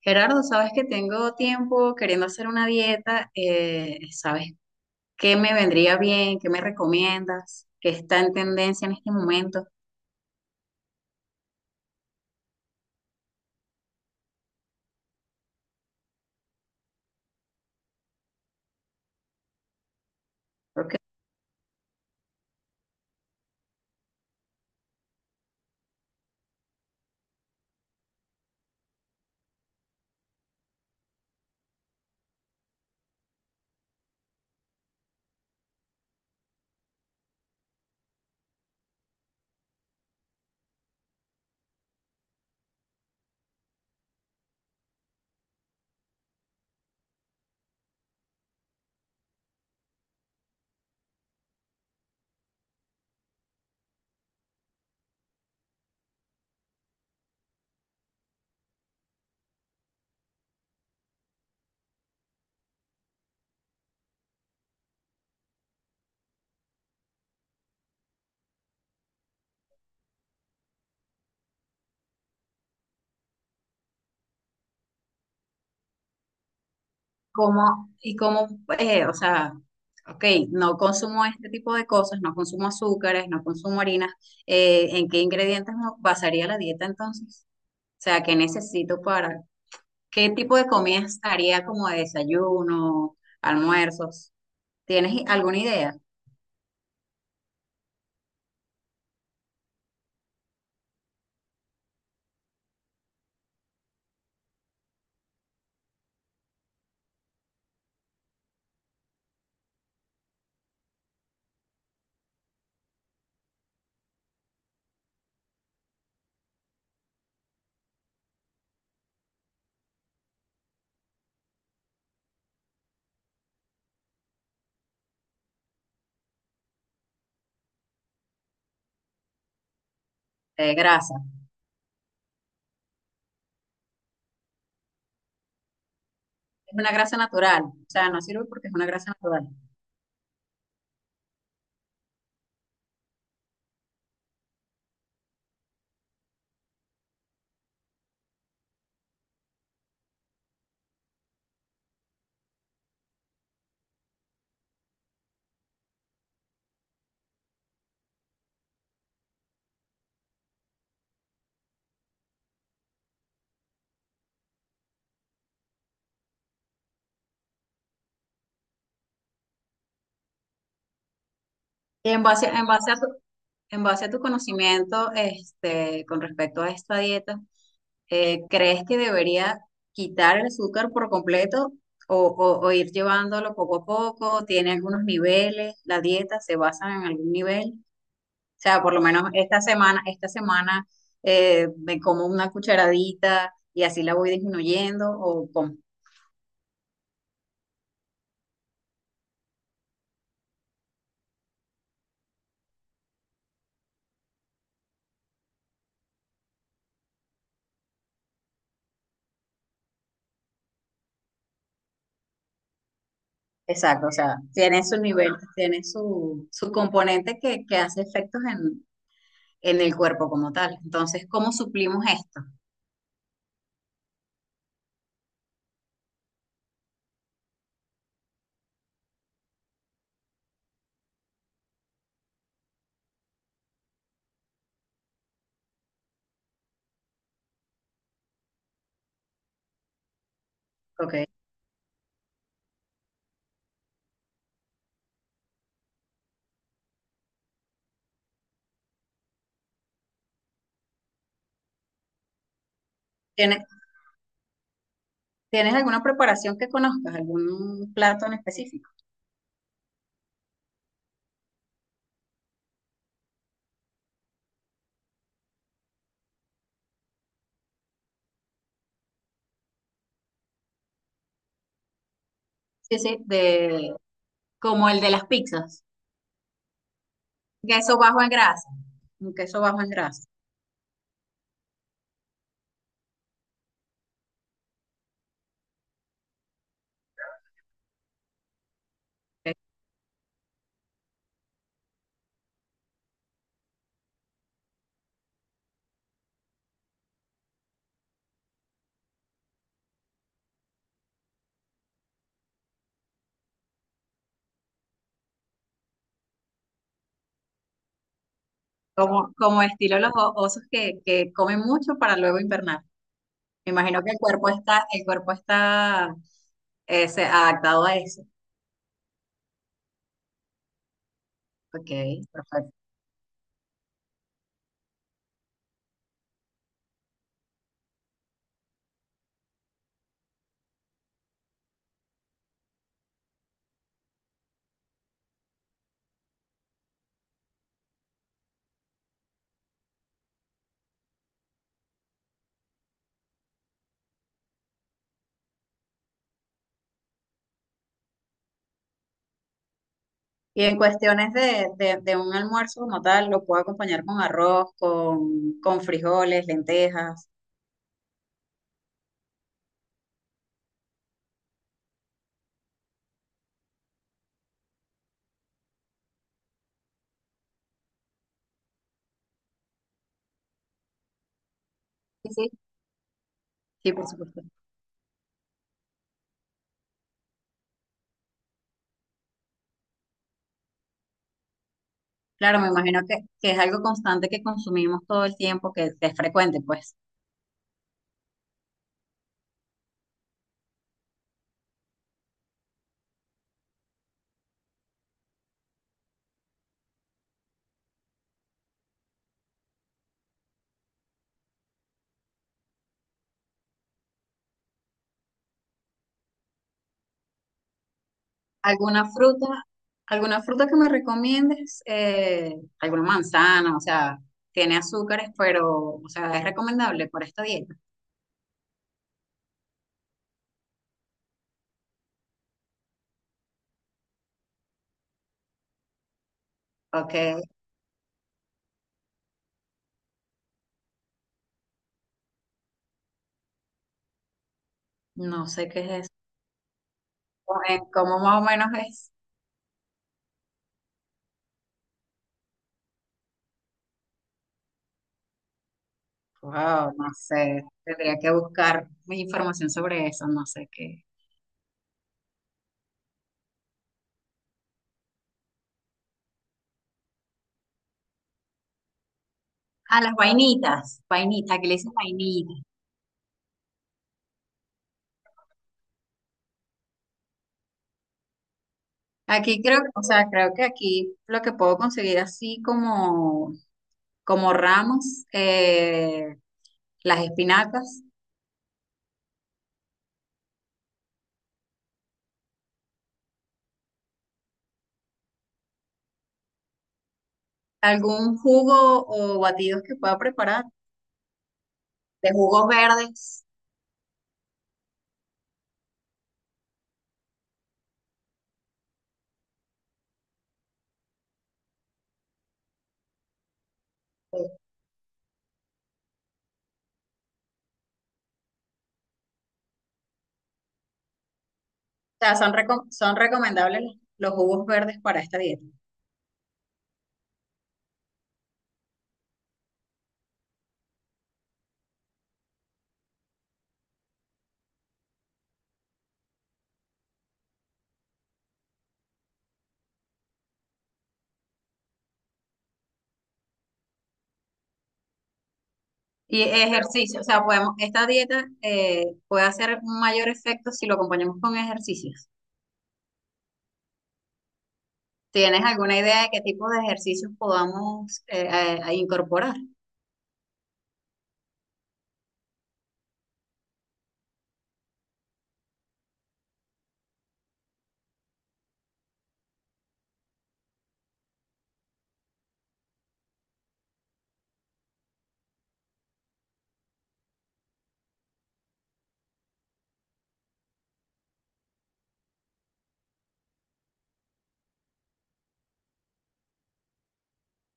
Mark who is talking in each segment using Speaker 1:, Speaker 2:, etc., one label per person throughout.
Speaker 1: Gerardo, sabes que tengo tiempo queriendo hacer una dieta, ¿sabes qué me vendría bien? ¿Qué me recomiendas? ¿Qué está en tendencia en este momento? Porque como, y como, o sea, ok, no consumo este tipo de cosas, no consumo azúcares, no consumo harinas, ¿en qué ingredientes me basaría la dieta entonces? O sea, ¿qué necesito para, qué tipo de comidas haría como de desayuno, almuerzos? ¿Tienes alguna idea de grasa? Es una grasa natural, o sea, no sirve porque es una grasa natural. En base, en base a tu, en base a tu conocimiento, este, con respecto a esta dieta, ¿crees que debería quitar el azúcar por completo o, o ir llevándolo poco a poco? ¿Tiene algunos niveles? ¿La dieta se basa en algún nivel? O sea, por lo menos esta semana me como una cucharadita y así la voy disminuyendo ¿o cómo? Exacto, o sea, tiene su nivel, tiene su, su componente que hace efectos en el cuerpo como tal. Entonces, ¿cómo suplimos esto? Okay. ¿Tienes, tienes alguna preparación que conozcas, algún plato en específico? Sí, sí, de, como el de las pizzas, queso bajo en grasa, un queso bajo en grasa, ok. Como, como estilo los osos que comen mucho para luego invernar. Me imagino que el cuerpo está adaptado a eso. Ok, perfecto. Y en cuestiones de, de un almuerzo como tal, lo puedo acompañar con arroz, con frijoles, lentejas. Sí, sí. Sí, por supuesto. Claro, me imagino que es algo constante que consumimos todo el tiempo, que es frecuente, pues. ¿Alguna fruta, alguna fruta que me recomiendes? Alguna manzana, o sea, tiene azúcares, pero, o sea, ¿es recomendable para esta dieta? Ok, no sé qué es eso. ¿Cómo más o menos es? Wow, no sé, tendría que buscar más información sobre eso, no sé qué. Ah, las vainitas, vainitas, aquí le dicen vainitas. Aquí creo, o sea, creo que aquí lo que puedo conseguir así como, como ramos, las espinacas, algún jugo o batidos que pueda preparar, de jugos verdes. O sea, son, ¿son recomendables los jugos verdes para esta dieta? Y ejercicio, o sea, podemos, esta dieta puede hacer un mayor efecto si lo acompañamos con ejercicios. ¿Tienes alguna idea de qué tipo de ejercicios podamos a incorporar?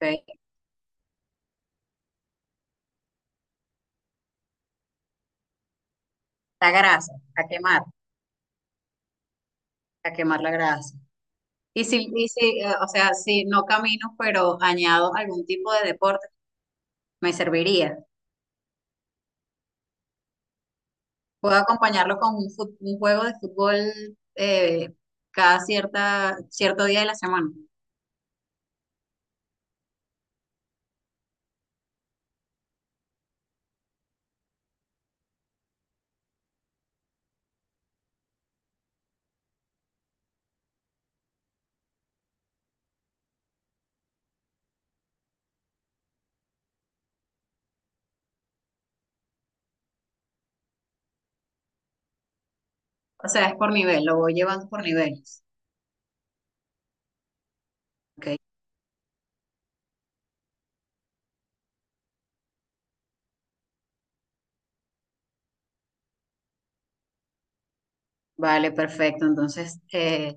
Speaker 1: Ok. La grasa, a quemar la grasa. Y si, o sea, si no camino, pero añado algún tipo de deporte, me serviría. Puedo acompañarlo con un juego de fútbol eh, cada cierta, cierto día de la semana. O sea, es por nivel, lo voy llevando por niveles. Ok. Vale, perfecto. Entonces,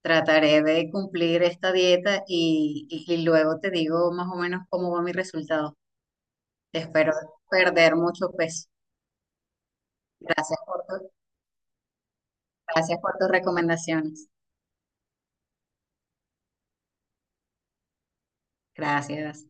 Speaker 1: trataré de cumplir esta dieta y, y luego te digo más o menos cómo va mi resultado. Espero perder mucho peso. Gracias por tu- Gracias por tus recomendaciones. Gracias.